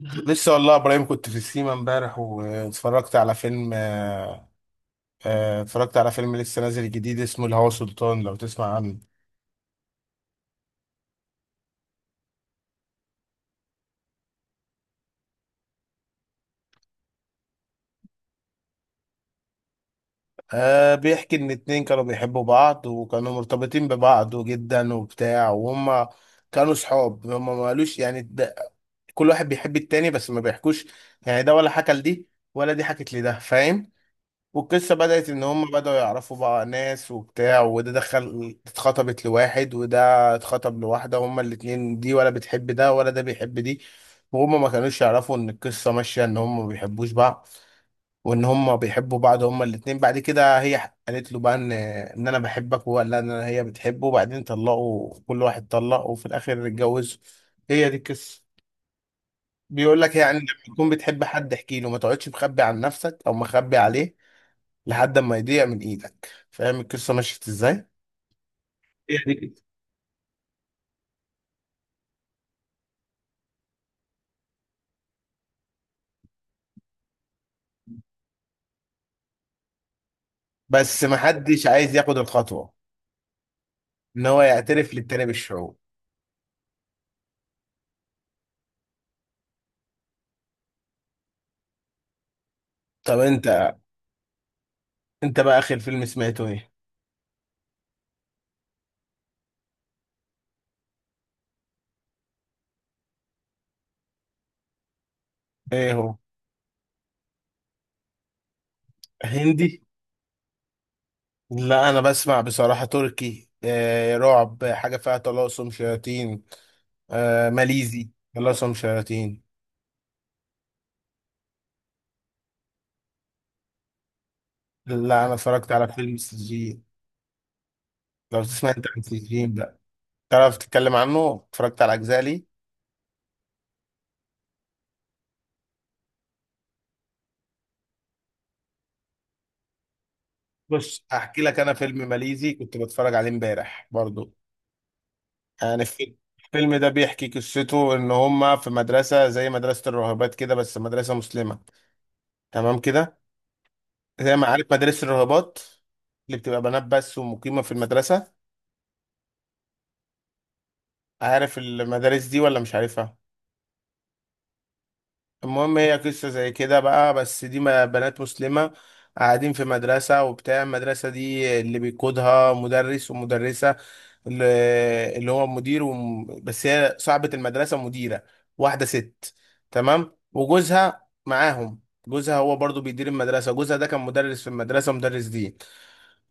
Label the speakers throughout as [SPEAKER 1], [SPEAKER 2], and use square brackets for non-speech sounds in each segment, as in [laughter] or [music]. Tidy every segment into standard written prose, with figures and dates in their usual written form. [SPEAKER 1] لسه والله يا ابراهيم، كنت في السيما امبارح واتفرجت على فيلم. اتفرجت على فيلم لسه نازل جديد اسمه الهوى سلطان، لو تسمع عنه. بيحكي ان اتنين كانوا بيحبوا بعض وكانوا مرتبطين ببعض جدا وبتاع، وهم كانوا صحاب. هم ما قالوش، يعني ده كل واحد بيحب التاني بس ما بيحكوش. يعني ده ولا حكى لدي ولا دي حكت لده، فاهم. والقصة بدأت إن هم بدأوا يعرفوا بقى ناس وبتاع، وده دخل اتخطبت لواحد، وده اتخطب لواحدة. هما الاتنين دي ولا بتحب ده ولا ده بيحب دي، وهما ما كانوش يعرفوا إن القصة ماشية إن هما ما بيحبوش بعض، وإن هما بيحبوا بعض. هما الاتنين بعد كده هي قالت له بقى إن أنا بحبك، وهو قال لها إن أنا هي بتحبه، وبعدين طلقوا، كل واحد طلق، وفي الآخر اتجوزوا. هي دي القصة. بيقول لك يعني لما تكون بتحب حد احكي له، ما تقعدش مخبي عن نفسك أو مخبي عليه لحد ما يضيع من ايدك. فاهم القصه مشيت ازاي؟ هي دي كده، بس محدش عايز ياخد الخطوه ان هو يعترف للتاني بالشعور. طب انت، انت بقى اخر فيلم سمعته ايه؟ ايه هو؟ هندي؟ لا انا بسمع بصراحه تركي، آه، رعب، حاجه فيها طلاسم شياطين. آه ماليزي، طلاسم شياطين. لا انا اتفرجت على فيلم سجين، لو تسمع انت عن سجين بقى تعرف تتكلم عنه؟ اتفرجت على اجزاء ليه. بص هحكي لك انا فيلم ماليزي كنت بتفرج عليه امبارح برضو. يعني في الفيلم ده بيحكي قصته ان هما في مدرسة زي مدرسة الراهبات كده، بس مدرسة مسلمة، تمام كده. زي ما عارف مدارس الراهبات اللي بتبقى بنات بس ومقيمة في المدرسة، عارف المدارس دي ولا مش عارفها؟ المهم هي قصة زي كده بقى، بس دي بنات مسلمة قاعدين في مدرسة، وبتاع المدرسة دي اللي بيقودها مدرس ومدرسة، اللي اللي هو مدير بس هي صاحبة المدرسة مديرة، واحدة ست، تمام، وجوزها معاهم. جوزها هو برضو بيدير المدرسة. جوزها ده كان مدرس في المدرسة، مدرس دين.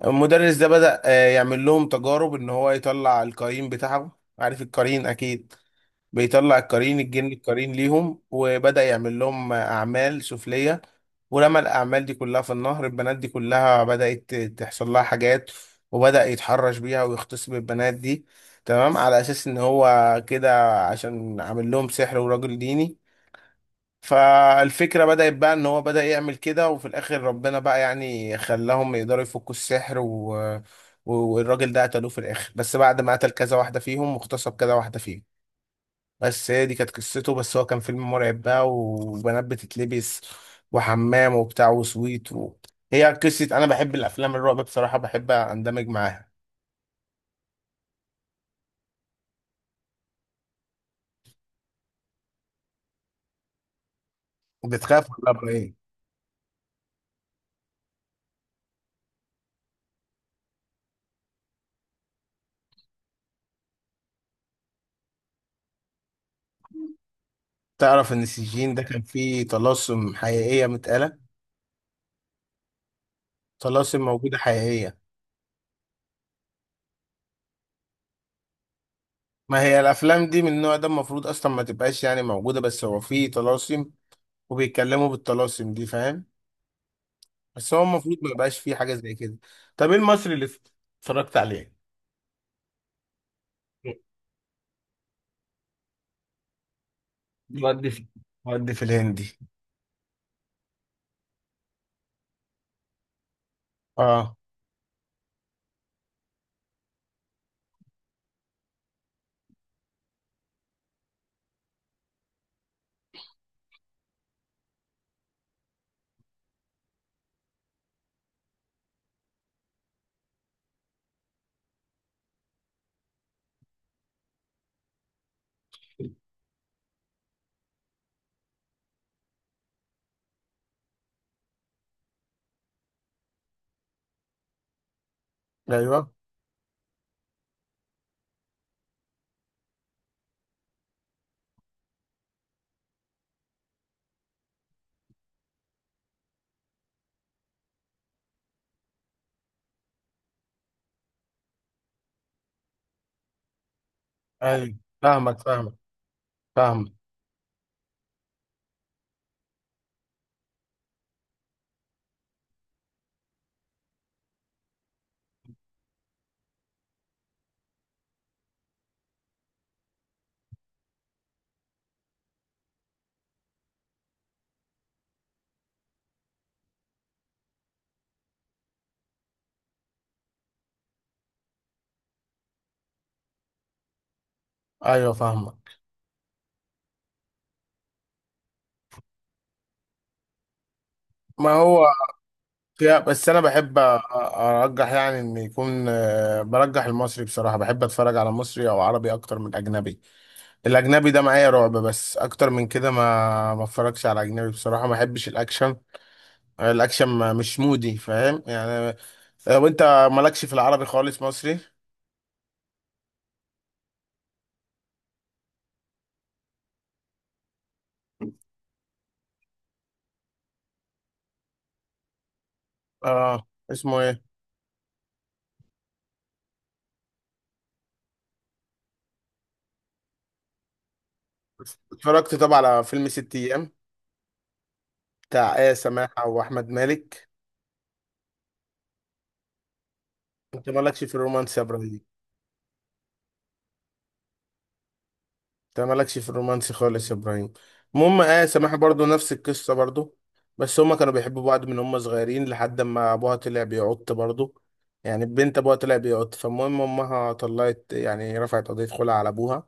[SPEAKER 1] المدرس ده بدأ يعمل لهم تجارب ان هو يطلع القرين بتاعه، عارف القرين اكيد. بيطلع القرين، الجن، القرين ليهم، وبدأ يعمل لهم أعمال سفلية. ولما الأعمال دي كلها في النهر، البنات دي كلها بدأت تحصل لها حاجات، وبدأ يتحرش بيها ويغتصب البنات دي، تمام، على أساس إن هو كده عشان عامل لهم سحر وراجل ديني. فالفكرة بدأت بقى إن هو بدأ يعمل كده، وفي الآخر ربنا بقى يعني خلاهم يقدروا يفكوا السحر. والراجل ده قتلوه في الآخر، بس بعد ما قتل كذا واحدة فيهم واغتصب كذا واحدة فيهم. بس هي دي كانت قصته، بس هو كان فيلم مرعب بقى، وبنات بتتلبس وحمام وبتاع وسويت. هي قصة أنا بحب الأفلام الرعب بصراحة، بحب أندمج معاها. بتخاف ولا إيه؟ تعرف إن السجين ده كان فيه طلاسم حقيقية متقالة، طلاسم موجودة حقيقية. ما هي الأفلام دي من النوع ده المفروض أصلا ما تبقاش يعني موجودة، بس هو فيه طلاسم وبيتكلموا بالطلاسم دي، فاهم؟ بس هو المفروض ما يبقاش فيه حاجة زي كده. طب إيه المصري اللي اتفرجت عليه؟ ودي في، ودي في الهندي. اه، ايوه، ايوه، فاهمك، فاهمك، فاهمك، ايوه فاهمك. ما هو، يا بس انا بحب ارجح يعني ان يكون برجح المصري بصراحه، بحب اتفرج على مصري او عربي اكتر من اجنبي. الاجنبي ده معايا رعب بس، اكتر من كده ما اتفرجش على اجنبي بصراحه، ما بحبش الاكشن. الاكشن مش مودي، فاهم يعني. وانت مالكش في العربي خالص، مصري؟ اه اسمه ايه؟ اتفرجت طبعا على فيلم ست ايام بتاع آية سماحة وأحمد مالك. أنت مالكش في الرومانس يا إبراهيم. أنت مالكش في الرومانس خالص يا إبراهيم. المهم آية سماحة برضو نفس القصة برضو، بس هما كانوا بيحبوا بعض من هما صغيرين، لحد ما أبوها طلع بيعط برضو. يعني البنت أبوها طلع بيعط، فالمهم أمها طلعت يعني رفعت قضية خلع على أبوها،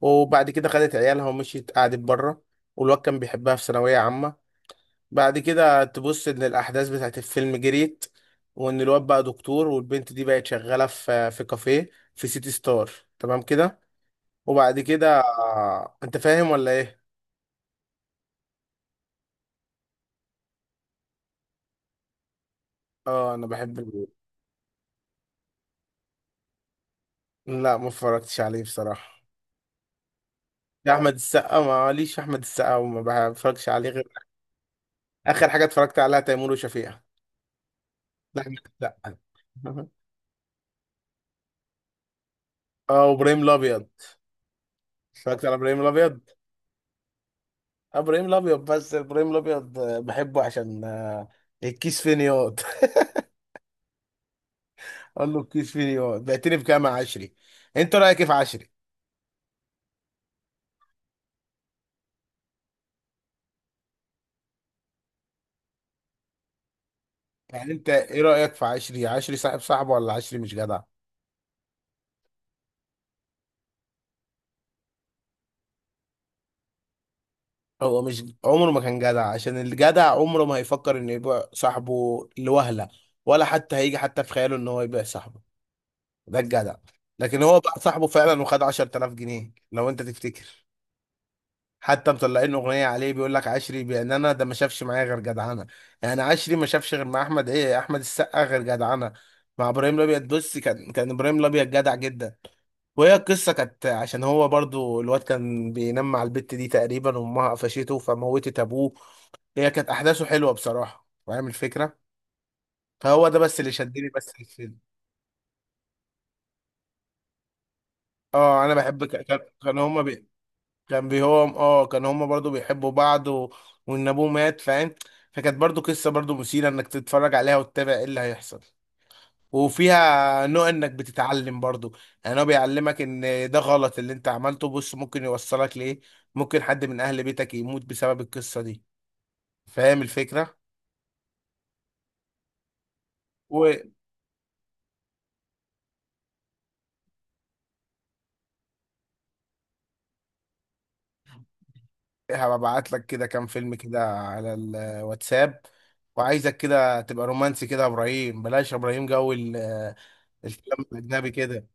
[SPEAKER 1] وبعد كده خدت عيالها ومشيت قعدت بره. والواد كان بيحبها في ثانوية عامة. بعد كده تبص ان الاحداث بتاعت الفيلم جريت، وان الواد بقى دكتور، والبنت دي بقت شغاله في كافيه في سيتي ستار، تمام كده. وبعد كده انت فاهم ولا ايه؟ اه انا لا ما اتفرجتش عليه بصراحه. يا احمد السقا، ما ليش احمد السقا وما بتفرجش عليه غير. اخر حاجه اتفرجت عليها تيمور وشفيقة. لا احمد السقا. [laughs] اه وابراهيم الابيض. اتفرجت على ابراهيم الابيض. آه، ابراهيم الابيض، بس ابراهيم الابيض بحبه عشان آه، الكيس فين ياض. قال له الكيس فيه بعتني بكام يا عشري. انت رايك ايه في عشري؟ يعني انت ايه رايك في عشري؟ عشري صاحب صاحبه ولا عشري مش جدع؟ هو مش عمره ما كان جدع، عشان الجدع عمره ما هيفكر انه يبيع صاحبه لوهله، ولا حتى هيجي حتى في خياله ان هو يبيع صاحبه. ده الجدع. لكن هو بقى صاحبه فعلا وخد 10,000 جنيه، لو انت تفتكر. حتى مطلعين اغنيه عليه، بيقول لك عشري بان انا ده ما شافش معايا غير جدعنه. يعني عشري ما شافش غير مع احمد ايه، احمد السقا، غير جدعنه. مع ابراهيم الابيض بص، كان ابراهيم الابيض جدع جدا. وهي القصه كانت عشان هو برضو الواد كان بينام مع البت دي تقريبا، وامها قفشته فموتت ابوه. هي كانت احداثه حلوه بصراحه، فاهم الفكره؟ فهو ده بس اللي شدني بس في الفيلم. اه انا كان هما. كان بيهم، اه كان هما برضو بيحبوا بعض. وان ابوه مات، فاهم. فكانت برضو قصة برضو مثيرة انك تتفرج عليها وتتابع ايه اللي هيحصل، وفيها نوع انك بتتعلم برضو. يعني هو بيعلمك ان ده غلط اللي انت عملته، بص ممكن يوصلك لايه. ممكن حد من اهل بيتك يموت بسبب القصة دي، فاهم الفكرة. وهبعت لك كده كام فيلم كده على الواتساب، وعايزك كده تبقى رومانسي كده يا ابراهيم، بلاش يا ابراهيم الفيلم الاجنبي كده.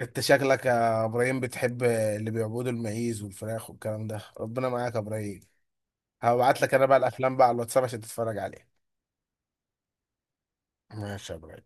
[SPEAKER 1] انت شكلك يا ابراهيم بتحب اللي بيعبدوا المعيز والفراخ والكلام ده، ربنا معاك يا ابراهيم. هبعت لك انا بقى الافلام بقى على الواتساب عشان تتفرج عليها. ماشي يا ابراهيم.